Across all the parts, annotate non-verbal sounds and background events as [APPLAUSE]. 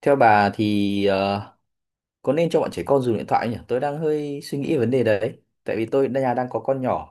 Theo bà thì có nên cho bọn trẻ con dùng điện thoại nhỉ? Tôi đang hơi suy nghĩ về vấn đề đấy. Tại vì tôi nhà đang có con nhỏ.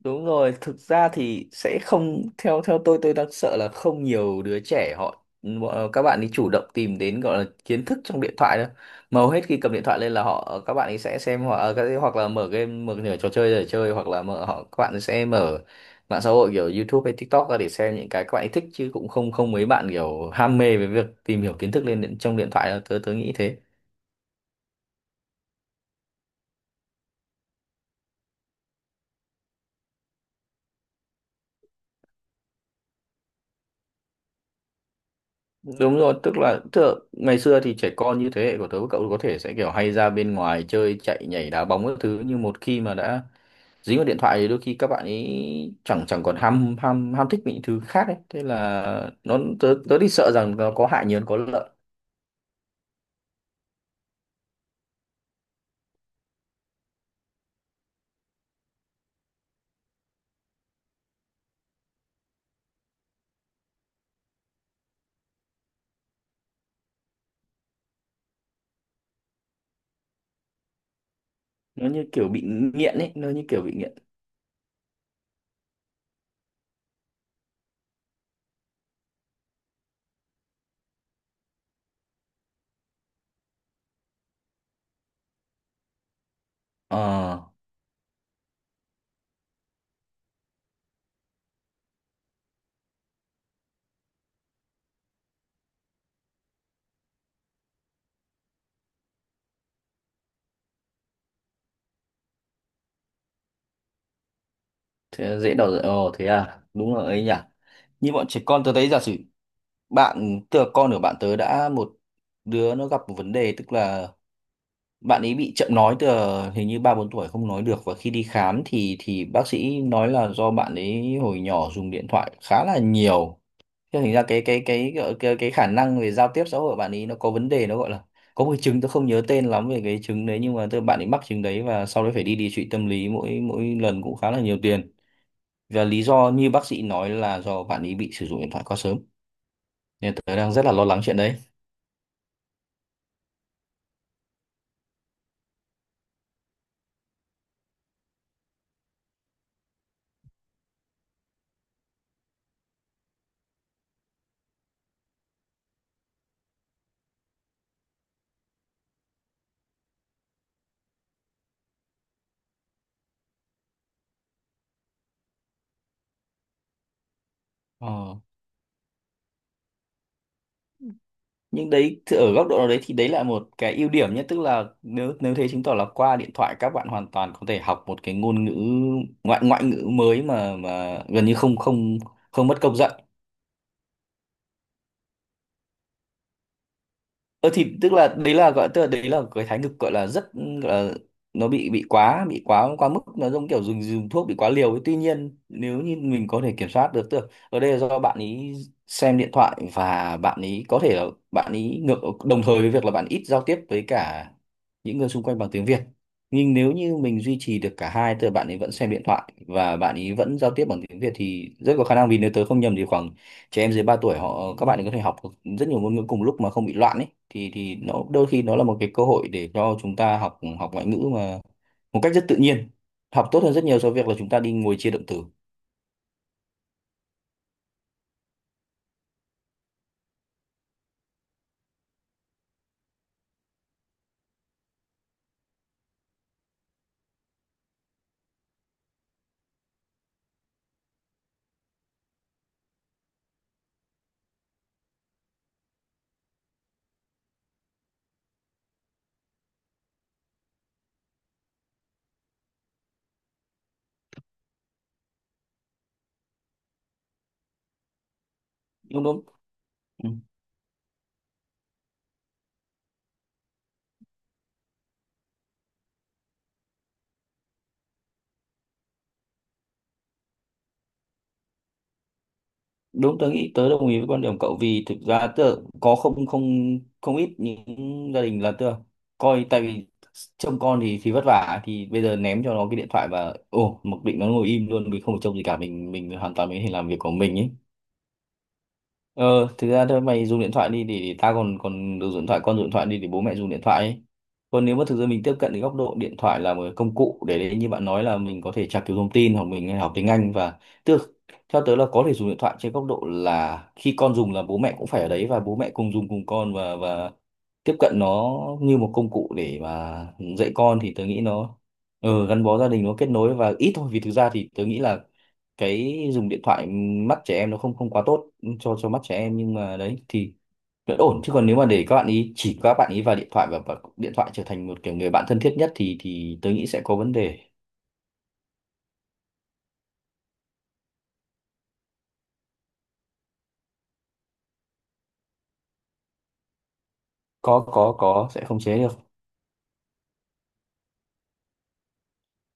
Đúng rồi, thực ra thì sẽ không theo theo tôi đang sợ là không nhiều đứa trẻ họ các bạn ấy chủ động tìm đến gọi là kiến thức trong điện thoại đâu. Mà hầu hết khi cầm điện thoại lên là các bạn ấy sẽ xem hoặc hoặc là mở game mở nửa trò chơi để chơi hoặc là mở các bạn ấy sẽ mở mạng xã hội kiểu YouTube hay TikTok ra để xem những cái các bạn ấy thích chứ cũng không không mấy bạn kiểu ham mê với việc tìm hiểu kiến thức lên trong điện thoại đâu. Tớ tớ nghĩ thế. Đúng rồi, tức là ngày xưa thì trẻ con như thế hệ của tớ với cậu có thể sẽ kiểu hay ra bên ngoài chơi chạy nhảy đá bóng các thứ, nhưng một khi mà đã dính vào điện thoại thì đôi khi các bạn ấy chẳng chẳng còn ham ham ham thích những thứ khác ấy. Thế là nó tớ tớ thì sợ rằng nó có hại nhiều hơn có lợi. Nó như kiểu bị nghiện ấy, nó như kiểu bị nghiện. Ờ, thế dễ đầu, ồ thế à, đúng rồi ấy nhỉ. Như bọn trẻ con tớ thấy giả sử bạn, tức là con của bạn tớ, đã một đứa nó gặp một vấn đề, tức là bạn ấy bị chậm nói từ hình như ba bốn tuổi không nói được, và khi đi khám thì bác sĩ nói là do bạn ấy hồi nhỏ dùng điện thoại khá là nhiều. Thế thành ra cái khả năng về giao tiếp xã hội của bạn ấy nó có vấn đề, nó gọi là có một cái chứng tôi không nhớ tên lắm về cái chứng đấy, nhưng mà bạn ấy mắc chứng đấy và sau đấy phải đi điều trị tâm lý, mỗi mỗi lần cũng khá là nhiều tiền, và lý do như bác sĩ nói là do bạn ấy bị sử dụng điện thoại quá sớm, nên tôi đang rất là lo lắng chuyện đấy. Ờ. Nhưng đấy thì ở góc độ nào đấy thì đấy là một cái ưu điểm nhé, tức là nếu nếu thế chứng tỏ là qua điện thoại các bạn hoàn toàn có thể học một cái ngôn ngữ, ngoại ngoại ngữ mới mà gần như không không không mất công dạy. Ờ thì tức là đấy là gọi, tức là đấy là cái thái cực gọi là rất gọi là nó bị quá, bị quá quá mức, nó giống kiểu dùng dùng thuốc bị quá liều ấy. Tuy nhiên nếu như mình có thể kiểm soát được, tức là ở đây là do bạn ý xem điện thoại và bạn ý có thể là bạn ý ngược đồng thời với việc là bạn ít giao tiếp với cả những người xung quanh bằng tiếng Việt, nhưng nếu như mình duy trì được cả hai, tức là bạn ấy vẫn xem điện thoại và bạn ấy vẫn giao tiếp bằng tiếng Việt thì rất có khả năng, vì nếu tớ không nhầm thì khoảng trẻ em dưới 3 tuổi các bạn ấy có thể học rất nhiều ngôn ngữ cùng lúc mà không bị loạn ấy, thì nó đôi khi nó là một cái cơ hội để cho chúng ta học học ngoại ngữ mà một cách rất tự nhiên, học tốt hơn rất nhiều so với việc là chúng ta đi ngồi chia động từ. Đúng đúng. Ừ. Đúng, tớ nghĩ tớ đồng ý với quan điểm cậu, vì thực ra tớ có không không không ít những gia đình là tớ coi, tại vì trông con thì vất vả thì bây giờ ném cho nó cái điện thoại và ồ mặc định nó ngồi im luôn, mình không phải trông gì cả, mình hoàn toàn mình có thể làm việc của mình ấy. Ờ, thực ra thôi mày dùng điện thoại đi thì ta còn còn được dùng điện thoại, con dùng điện thoại đi thì bố mẹ dùng điện thoại ấy. Còn nếu mà thực ra mình tiếp cận cái góc độ điện thoại là một cái công cụ để đấy, như bạn nói là mình có thể tra cứu thông tin hoặc mình học tiếng Anh, và tức theo tớ là có thể dùng điện thoại trên góc độ là khi con dùng là bố mẹ cũng phải ở đấy và bố mẹ cùng dùng cùng con, và tiếp cận nó như một công cụ để mà dạy con thì tớ nghĩ nó ừ, gắn bó gia đình, nó kết nối và ít thôi, vì thực ra thì tớ nghĩ là cái dùng điện thoại mắt trẻ em nó không không quá tốt cho mắt trẻ em, nhưng mà đấy thì vẫn ổn. Chứ còn nếu mà để các bạn ý chỉ các bạn ý vào điện thoại và điện thoại trở thành một kiểu người bạn thân thiết nhất thì tớ nghĩ sẽ có vấn đề. Có, sẽ không chế được.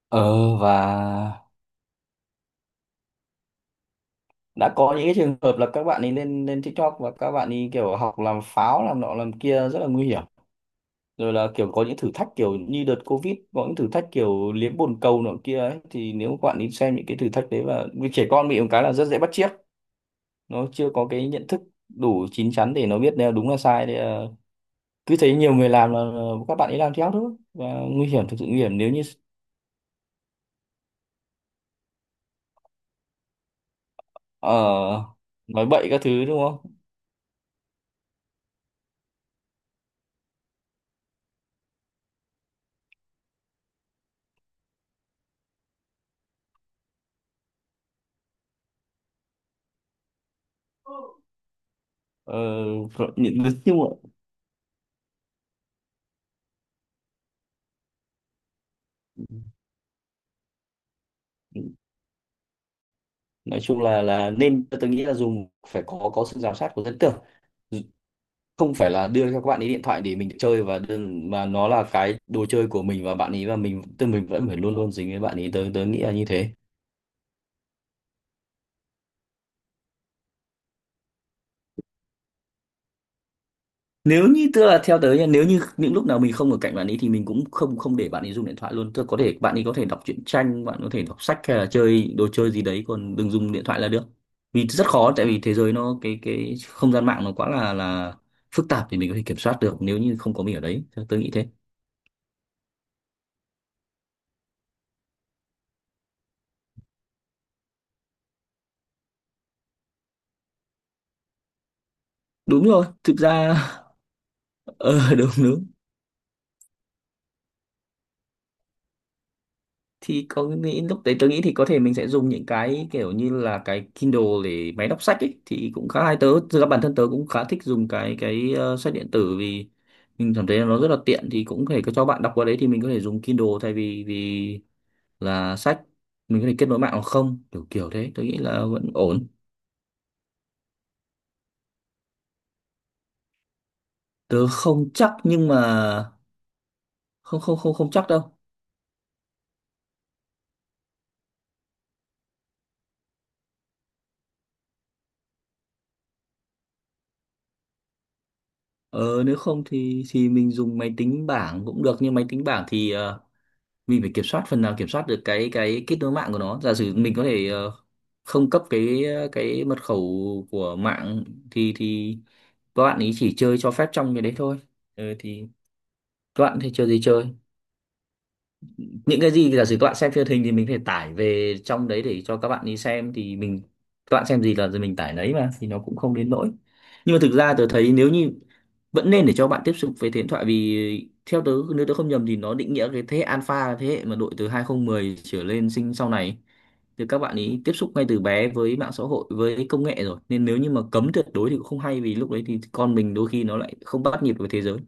Ờ và đã có những cái trường hợp là các bạn ấy lên lên TikTok và các bạn ấy kiểu học làm pháo làm nọ làm kia rất là nguy hiểm, rồi là kiểu có những thử thách kiểu như đợt Covid có những thử thách kiểu liếm bồn cầu nọ kia ấy, thì nếu các bạn đi xem những cái thử thách đấy, và vì trẻ con bị một cái là rất dễ bắt chước, nó chưa có cái nhận thức đủ chín chắn để nó biết là đúng là sai, thì là cứ thấy nhiều người làm là các bạn ấy làm theo thôi, và nguy hiểm, thực sự nguy hiểm nếu như ờ, nói bậy các thứ đúng không. Ờ, nhưng nhưng mà nói chung là nên tôi nghĩ là dùng phải có sự giám sát của dân tưởng, không phải là đưa cho các bạn ấy điện thoại để mình chơi và đơn mà nó là cái đồ chơi của mình và bạn ấy, và mình tức mình vẫn phải luôn luôn dính với bạn ấy. Tớ tớ nghĩ là như thế. Nếu như tức là theo tớ nha, nếu như những lúc nào mình không ở cạnh bạn ấy thì mình cũng không không để bạn ấy dùng điện thoại luôn, tức là có thể bạn ấy có thể đọc truyện tranh, bạn có thể đọc sách hay là chơi đồ chơi gì đấy, còn đừng dùng điện thoại là được. Vì rất khó, tại vì thế giới nó cái không gian mạng nó quá là phức tạp thì mình có thể kiểm soát được nếu như không có mình ở đấy, tớ nghĩ thế. Đúng rồi, thực ra [LAUGHS] ờ đúng đúng. Thì có nghĩ lúc đấy tôi nghĩ thì có thể mình sẽ dùng những cái kiểu như là cái Kindle để máy đọc sách ấy thì cũng khá hay. Tớ thực ra bản thân tớ cũng khá thích dùng sách điện tử, vì mình cảm thấy là nó rất là tiện, thì cũng có thể cho bạn đọc qua đấy, thì mình có thể dùng Kindle thay vì vì là sách, mình có thể kết nối mạng hoặc không kiểu kiểu thế, tôi nghĩ là vẫn ổn. Tớ không chắc, nhưng mà không không không không chắc đâu. Ờ nếu không thì mình dùng máy tính bảng cũng được, nhưng máy tính bảng thì mình phải kiểm soát, phần nào kiểm soát được cái kết nối mạng của nó, giả sử mình có thể không cấp cái cái mật khẩu của mạng thì các bạn ấy chỉ chơi cho phép trong cái đấy thôi. Ừ, thì các bạn thì chơi gì chơi, những cái gì giả sử các bạn xem trên hình thì mình phải tải về trong đấy để cho các bạn đi xem, thì mình các bạn xem gì là mình tải đấy mà thì nó cũng không đến nỗi. Nhưng mà thực ra tớ thấy nếu như vẫn nên để cho bạn tiếp xúc với thế hệ điện thoại, vì theo tớ nếu tớ không nhầm thì nó định nghĩa cái thế hệ alpha là thế hệ mà đội từ 2010 trở lên sinh sau này thì các bạn ấy tiếp xúc ngay từ bé với mạng xã hội với công nghệ rồi, nên nếu như mà cấm tuyệt đối thì cũng không hay, vì lúc đấy thì con mình đôi khi nó lại không bắt nhịp với thế giới.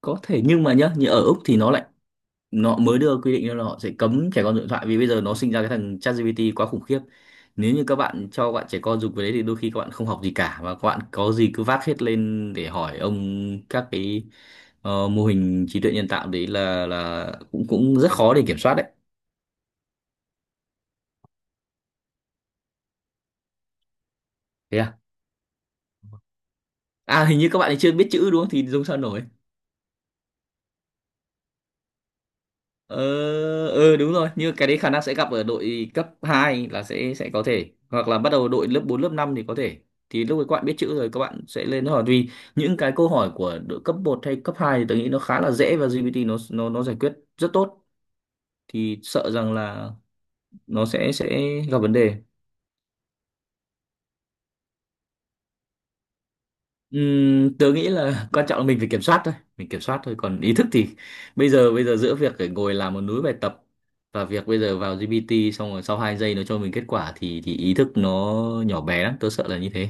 Có thể, nhưng mà nhá như ở Úc thì nó lại nó mới đưa quy định ra là họ sẽ cấm trẻ con dùng điện thoại, vì bây giờ nó sinh ra cái thằng ChatGPT quá khủng khiếp, nếu như các bạn cho bạn trẻ con dùng cái đấy thì đôi khi các bạn không học gì cả, và các bạn có gì cứ vác hết lên để hỏi ông các cái mô hình trí tuệ nhân tạo đấy, là cũng cũng rất khó để kiểm soát đấy. Thế à, à hình như các bạn ấy chưa biết chữ đúng không thì dùng sao nổi. Ờ, ừ đúng rồi, như cái đấy khả năng sẽ gặp ở đội cấp 2 là sẽ có thể, hoặc là bắt đầu đội lớp 4 lớp 5 thì có thể. Thì lúc ấy các bạn biết chữ rồi các bạn sẽ lên hỏi, vì những cái câu hỏi của đội cấp một hay cấp 2 thì tôi nghĩ nó khá là dễ và GPT nó giải quyết rất tốt, thì sợ rằng là nó sẽ gặp vấn đề. Tớ nghĩ là [LAUGHS] quan trọng là mình phải kiểm soát thôi, mình kiểm soát thôi, còn ý thức thì bây giờ giữa việc phải ngồi làm một núi bài tập và việc bây giờ vào GPT xong rồi sau 2 giây nó cho mình kết quả thì ý thức nó nhỏ bé lắm, tớ sợ là như thế.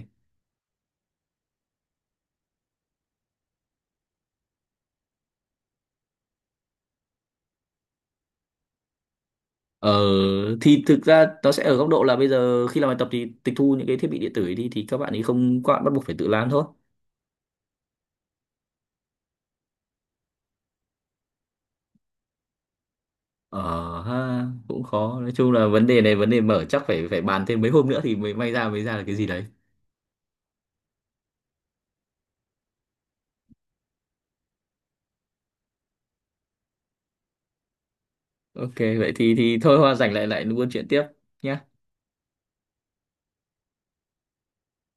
Ờ thì thực ra nó sẽ ở góc độ là bây giờ khi làm bài tập thì tịch thu những cái thiết bị điện tử ấy đi thì các bạn ấy không, các bạn bắt buộc phải tự làm thôi. Ờ ha, cũng khó, nói chung là vấn đề này vấn đề mở chắc phải phải bàn thêm mấy hôm nữa thì mới may ra mới ra là cái gì đấy. OK, vậy thì thôi hoa rảnh lại lại buôn chuyện tiếp nhá.